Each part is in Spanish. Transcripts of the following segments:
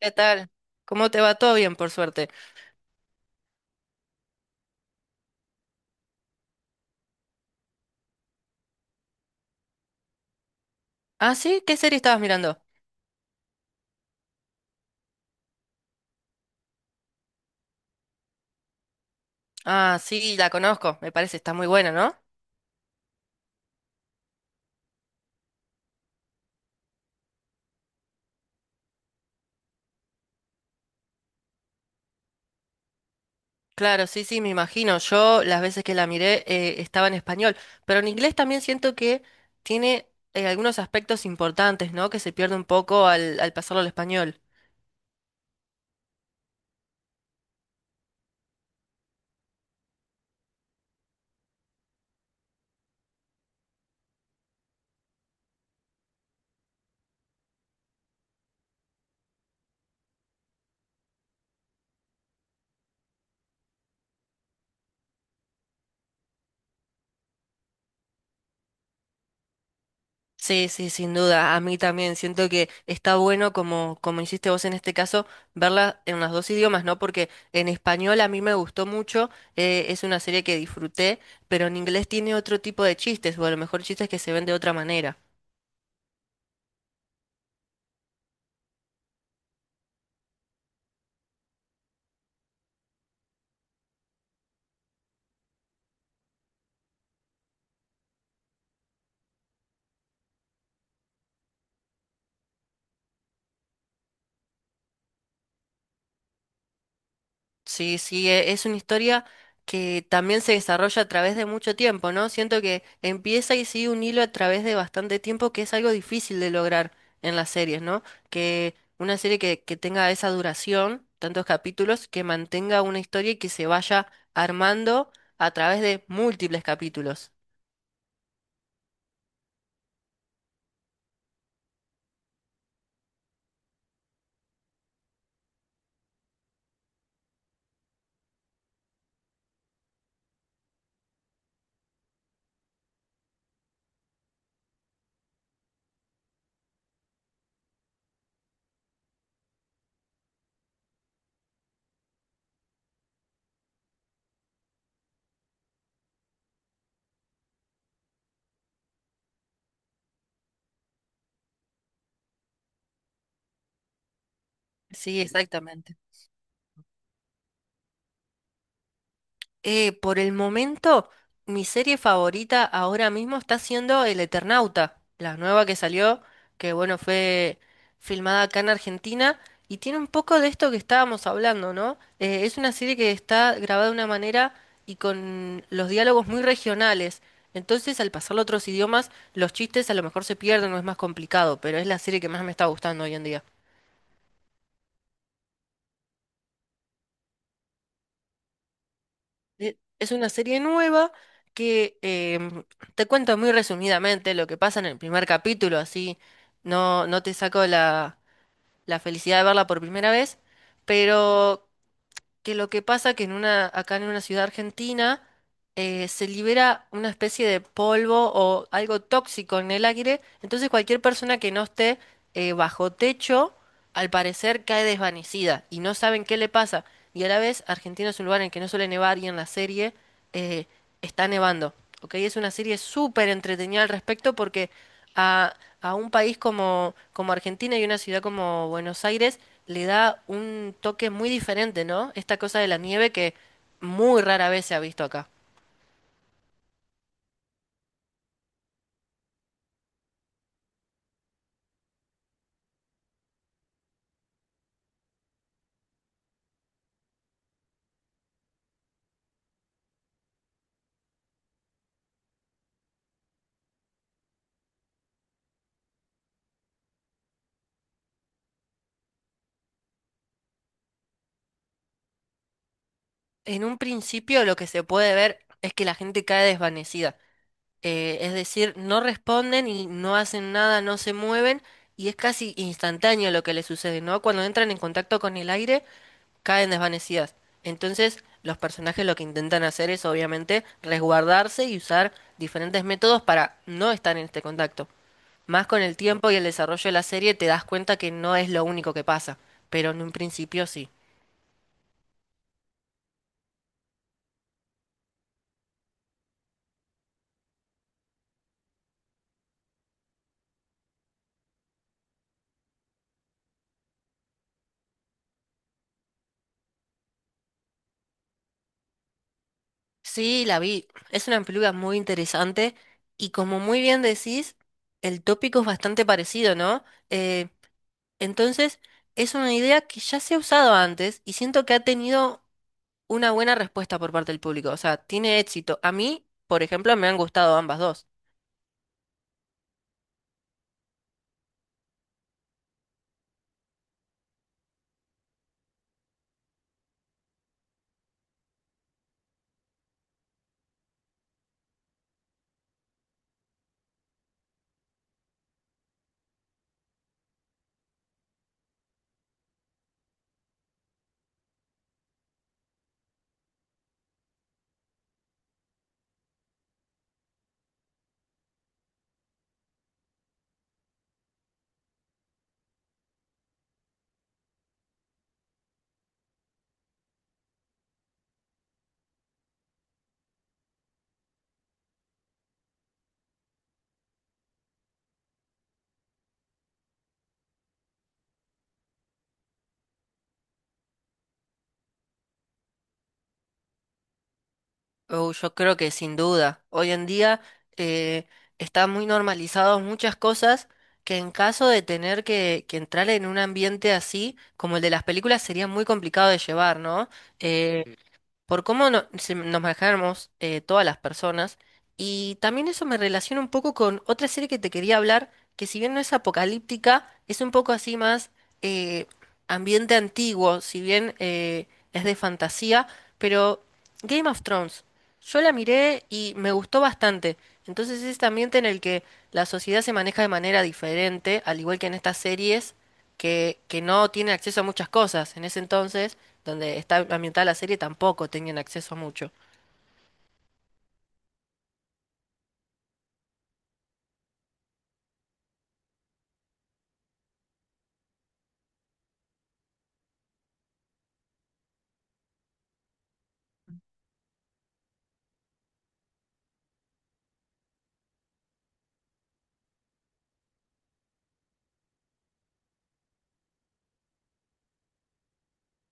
¿Qué tal? ¿Cómo te va? Todo bien, por suerte. Ah, sí, ¿qué serie estabas mirando? Ah, sí, la conozco, me parece, está muy buena, ¿no? Claro, sí, sí, me imagino. Yo las veces que la miré estaba en español, pero en inglés también siento que tiene algunos aspectos importantes, ¿no? Que se pierde un poco al pasarlo al español. Sí, sí, sin duda. A mí también siento que está bueno, como, como hiciste vos en este caso, verla en los dos idiomas, ¿no? Porque en español a mí me gustó mucho, es una serie que disfruté, pero en inglés tiene otro tipo de chistes, o a lo mejor chistes que se ven de otra manera. Sí, sí, es una historia que también se desarrolla a través de mucho tiempo, ¿no? Siento que empieza y sigue un hilo a través de bastante tiempo, que es algo difícil de lograr en las series, ¿no? Que una serie que tenga esa duración, tantos capítulos, que mantenga una historia y que se vaya armando a través de múltiples capítulos. Sí, exactamente. Por el momento, mi serie favorita ahora mismo está siendo El Eternauta, la nueva que salió, que bueno, fue filmada acá en Argentina y tiene un poco de esto que estábamos hablando, ¿no? Es una serie que está grabada de una manera y con los diálogos muy regionales. Entonces, al pasarlo a otros idiomas, los chistes a lo mejor se pierden o es más complicado, pero es la serie que más me está gustando hoy en día. Es una serie nueva que te cuento muy resumidamente lo que pasa en el primer capítulo, así no, no te saco la, la felicidad de verla por primera vez, pero que lo que pasa que en una, acá en una ciudad argentina se libera una especie de polvo o algo tóxico en el aire, entonces cualquier persona que no esté bajo techo, al parecer cae desvanecida y no saben qué le pasa. Y a la vez, Argentina es un lugar en el que no suele nevar y en la serie eh, está nevando. ¿Ok? Es una serie súper entretenida al respecto porque a, a un país como, como Argentina y una ciudad como Buenos Aires le da un toque muy diferente, ¿no? Esta cosa de la nieve que muy rara vez se ha visto acá. En un principio lo que se puede ver es que la gente cae desvanecida. Es decir, no responden y no hacen nada, no se mueven y es casi instantáneo lo que les sucede, ¿no? Cuando entran en contacto con el aire, caen desvanecidas. Entonces, los personajes lo que intentan hacer es obviamente resguardarse y usar diferentes métodos para no estar en este contacto. Más con el tiempo y el desarrollo de la serie te das cuenta que no es lo único que pasa, pero en un principio sí. Sí, la vi. Es una película muy interesante y como muy bien decís, el tópico es bastante parecido, ¿no? Eh, entonces, es una idea que ya se ha usado antes y siento que ha tenido una buena respuesta por parte del público. O sea, tiene éxito. A mí, por ejemplo, me han gustado ambas dos. Oh, yo creo que sin duda. Hoy en día eh, están muy normalizadas muchas cosas que en caso de tener que entrar en un ambiente así, como el de las películas, sería muy complicado de llevar, ¿no? Eh, por cómo nos manejamos todas las personas. Y también eso me relaciona un poco con otra serie que te quería hablar, que si bien no es apocalíptica, es un poco así más eh, ambiente antiguo, si bien es de fantasía, pero Game of Thrones, yo la miré y me gustó bastante. Entonces es este ambiente en el que la sociedad se maneja de manera diferente, al igual que en estas series, que no tienen acceso a muchas cosas. En ese entonces, donde está ambientada la serie, tampoco tenían acceso a mucho.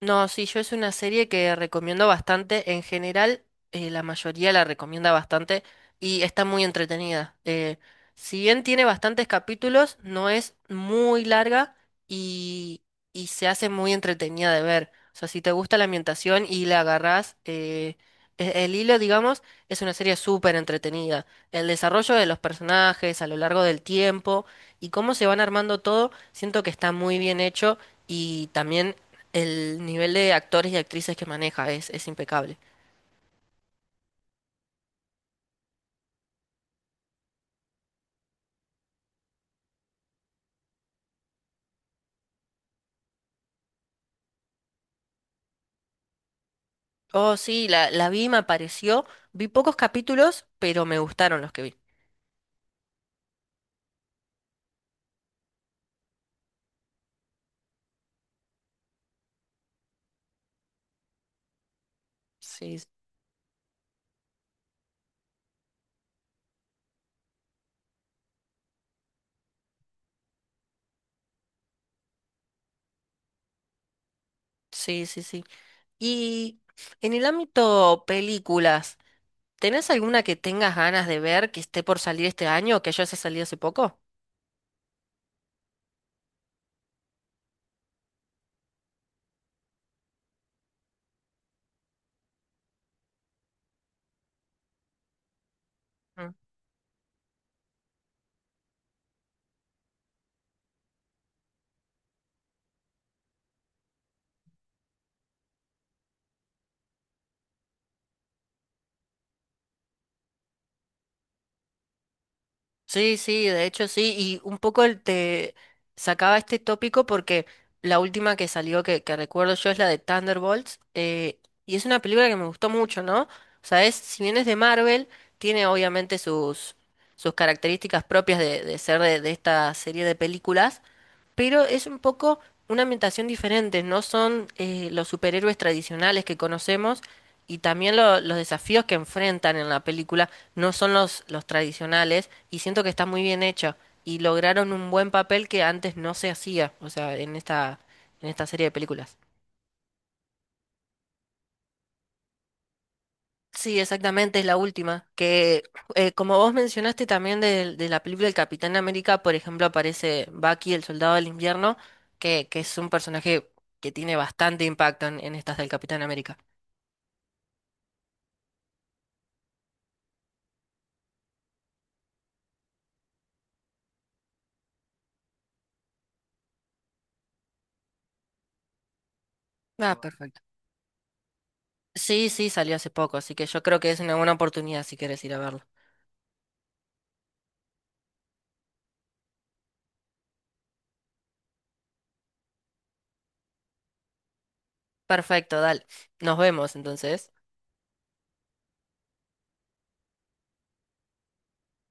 No, sí, yo es una serie que recomiendo bastante. En general, la mayoría la recomienda bastante y está muy entretenida. Si bien tiene bastantes capítulos, no es muy larga y, y se hace muy entretenida de ver. O sea, si te gusta la ambientación y la agarrás el hilo, digamos, es una serie súper entretenida. El desarrollo de los personajes a lo largo del tiempo y cómo se van armando todo, siento que está muy bien hecho. Y también el nivel de actores y actrices que maneja es impecable. Oh, sí, la vi, me pareció. Vi pocos capítulos, pero me gustaron los que vi. Sí, sí, sí, sí. Y en el ámbito películas, ¿tenés alguna que tengas ganas de ver que esté por salir este año o que ya haya salido hace poco? Sí, sí, de hecho sí, y un poco te sacaba este tópico porque la última que salió que recuerdo yo es la de Thunderbolts, y es una película que me gustó mucho, ¿no? O sea, es, si bien es de Marvel, tiene obviamente sus características propias de ser de esta serie de películas, pero es un poco una ambientación diferente, no son los superhéroes tradicionales que conocemos y también los desafíos que enfrentan en la película no son los tradicionales y siento que está muy bien hecho y lograron un buen papel que antes no se hacía, o sea, en esta serie de películas. Sí, exactamente, es la última. Que como vos mencionaste también la película El Capitán América, por ejemplo, aparece Bucky, el soldado del invierno, que es un personaje que tiene bastante impacto en estas del Capitán América. Ah, perfecto. Sí, sí, salió hace poco, así que yo creo que es una buena oportunidad si quieres ir a verlo. Perfecto, dale. Nos vemos entonces.